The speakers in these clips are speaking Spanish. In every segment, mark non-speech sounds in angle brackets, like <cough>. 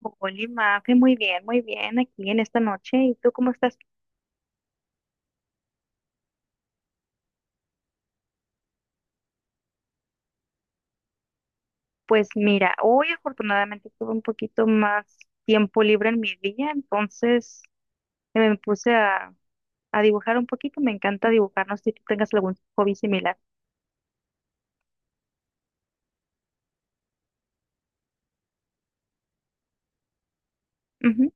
Hola, Mafe, muy bien aquí en esta noche. ¿Y tú cómo estás? Pues mira, hoy afortunadamente tuve un poquito más tiempo libre en mi día, entonces me puse a dibujar un poquito. Me encanta dibujar, no sé si tú tengas algún hobby similar. Ujú.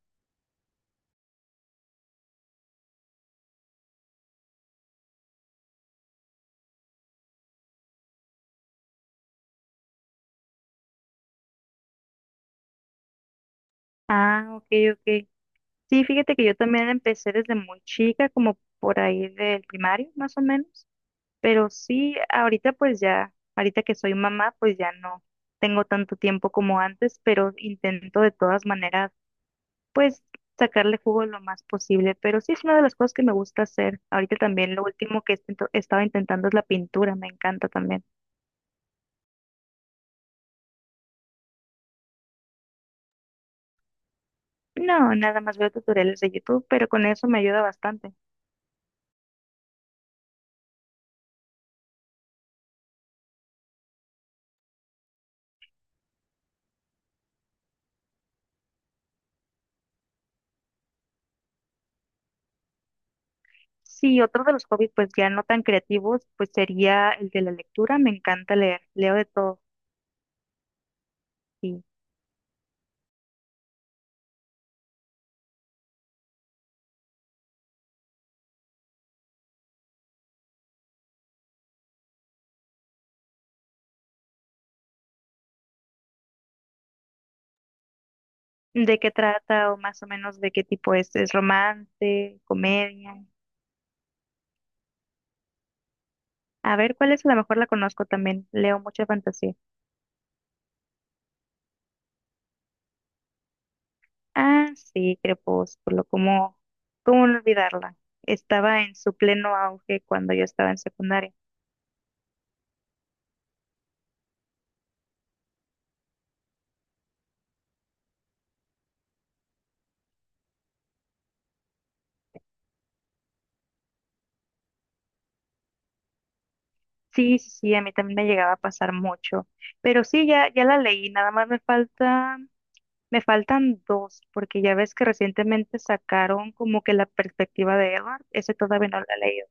Ah, ok, ok. Sí, fíjate que yo también empecé desde muy chica, como por ahí del primario, más o menos. Pero sí, ahorita pues ya, ahorita que soy mamá, pues ya no tengo tanto tiempo como antes, pero intento de todas maneras pues sacarle jugo lo más posible. Pero sí es una de las cosas que me gusta hacer. Ahorita también lo último que estaba intentando es la pintura, me encanta también. No, nada más veo tutoriales de YouTube, pero con eso me ayuda bastante. Sí, otro de los hobbies pues ya no tan creativos, pues sería el de la lectura, me encanta leer, leo de todo. Sí. ¿De qué trata o más o menos de qué tipo es? ¿Es romance, comedia? A ver, ¿cuál es? A lo mejor la conozco también, leo mucha fantasía. Ah, sí, Crepúsculo, ¿cómo, cómo no olvidarla? Estaba en su pleno auge cuando yo estaba en secundaria. Sí, sí, sí, a mí también me llegaba a pasar mucho, pero sí, ya, ya la leí, nada más me faltan dos, porque ya ves que recientemente sacaron como que la perspectiva de Edward, ese todavía no la he leído.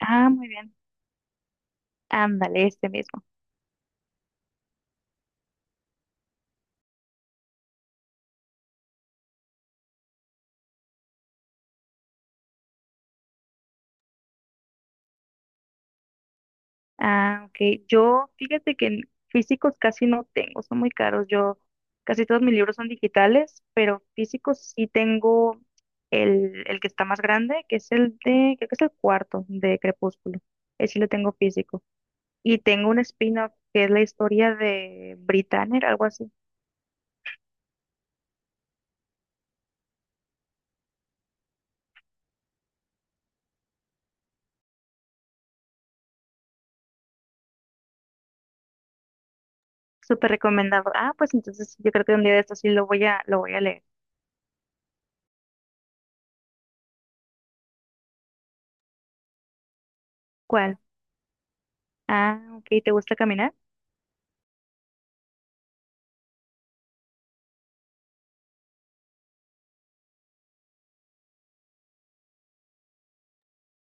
Ah, muy bien, ándale, este mismo. Ah, ok. Yo, fíjate que en físicos casi no tengo, son muy caros. Yo, casi todos mis libros son digitales, pero físicos sí tengo el que está más grande, que es el de, creo que es el cuarto de Crepúsculo. Ese sí lo tengo físico. Y tengo un spin-off que es la historia de Britannia, algo así. Súper recomendado. Ah, pues entonces yo creo que un día de estos sí lo voy lo voy a leer. ¿Cuál? Ah, ok. ¿Te gusta caminar?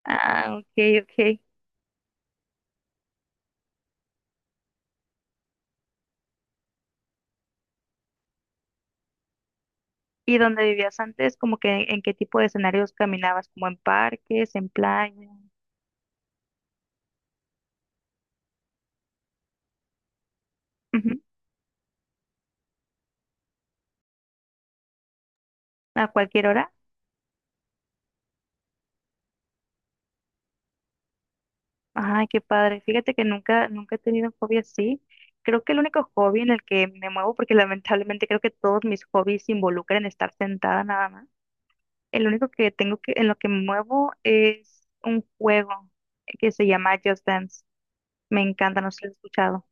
Ah, ok, ok. ¿Y dónde vivías antes, como que en qué tipo de escenarios caminabas? ¿Como en parques, en playa? Ujú. ¿A cualquier hora? Ay, qué padre. Fíjate que nunca, nunca he tenido un hobby así. Creo que el único hobby en el que me muevo, porque <laughs> lamentablemente creo que todos mis hobbies involucran estar sentada nada más. El único que tengo que, en lo que me muevo es un juego que se llama Just Dance. Me encanta, no sé si lo he escuchado.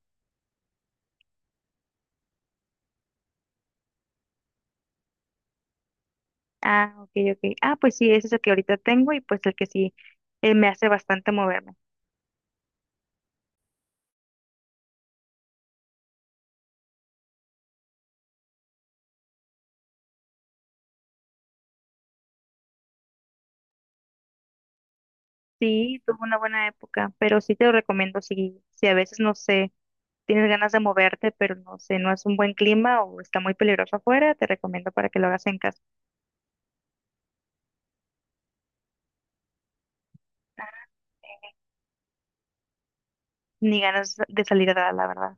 Ah, ok, ok. Ah, pues sí, ese es el que ahorita tengo y pues el que sí me hace bastante moverme. Sí, tuvo una buena época, pero sí te lo recomiendo si, si a veces, no sé, tienes ganas de moverte, pero no sé, no es un buen clima o está muy peligroso afuera, te recomiendo para que lo hagas en casa. Ni ganas de salir a dar, la verdad.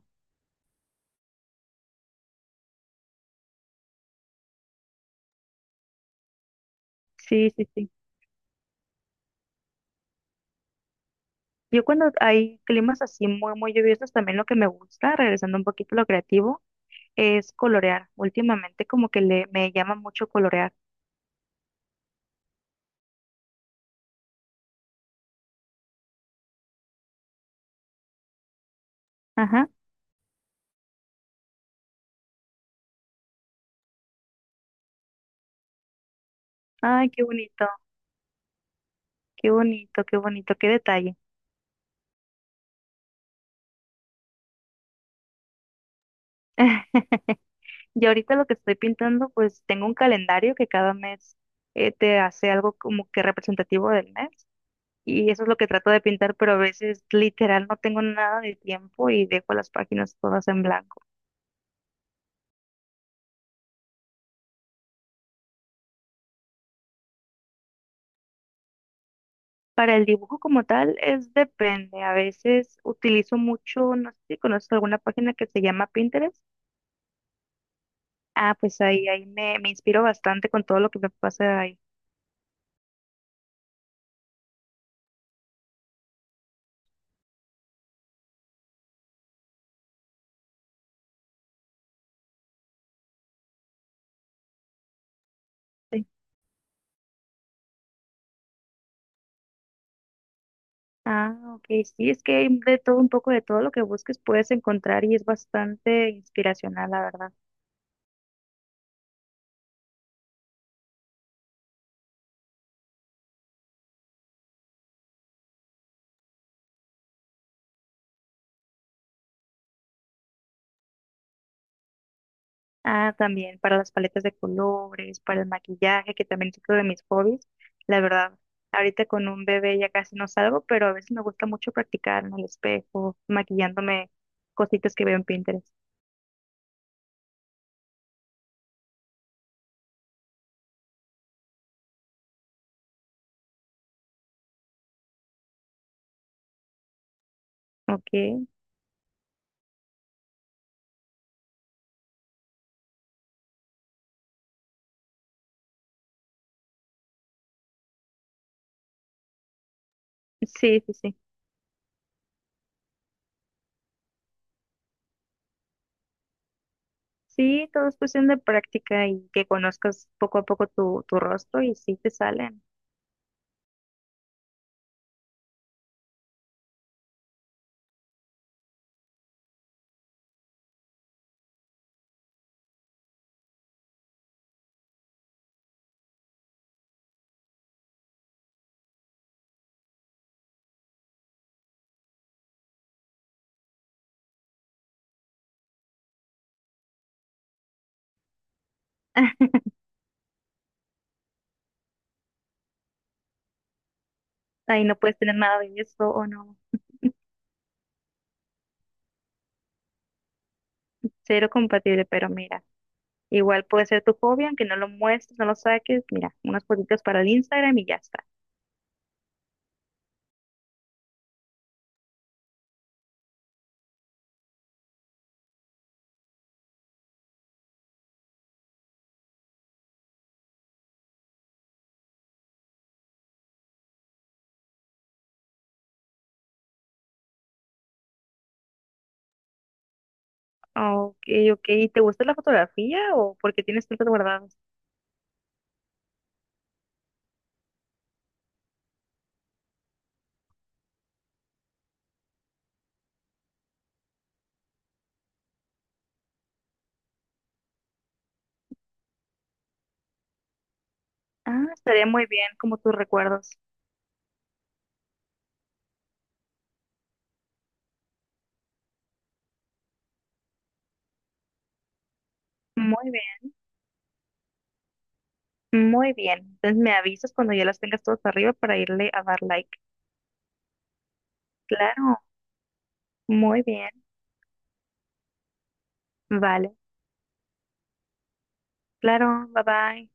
Sí, sí, sí. Yo cuando hay climas así muy, muy lluviosos, también lo que me gusta, regresando un poquito a lo creativo, es colorear. Últimamente como que le, me llama mucho colorear. Ajá. Ay, qué bonito, qué bonito, qué bonito, qué detalle. <laughs> Y ahorita lo que estoy pintando, pues tengo un calendario que cada mes te hace algo como que representativo del mes. Y eso es lo que trato de pintar, pero a veces literal no tengo nada de tiempo y dejo las páginas todas en blanco. Para el dibujo como tal, es depende. A veces utilizo mucho, no sé si conoces alguna página que se llama Pinterest. Ah, pues ahí, ahí me, me inspiro bastante con todo lo que me pasa ahí. Ah, ok, sí, es que hay de todo un poco de todo lo que busques puedes encontrar y es bastante inspiracional, la verdad. Ah, también para las paletas de colores, para el maquillaje, que también es otro de mis hobbies. La verdad, ahorita con un bebé ya casi no salgo, pero a veces me gusta mucho practicar en el espejo, maquillándome cositas que veo en Pinterest. Ok, sí, sí, sí. Sí, todo es cuestión de práctica y que conozcas poco a poco tu rostro y sí te salen. <laughs> Ahí no puedes tener nada de eso o no. Cero compatible, pero mira, igual puede ser tu hobby, aunque no lo muestres, no lo saques, mira, unas fotitos para el Instagram y ya está. Ok, ok, ¿y te gusta la fotografía o por qué tienes tantos guardados? Ah, estaría muy bien, como tus recuerdos. Muy bien, muy bien. Entonces me avisas cuando ya las tengas todas arriba para irle a dar like. Claro, muy bien, vale. Claro, bye bye.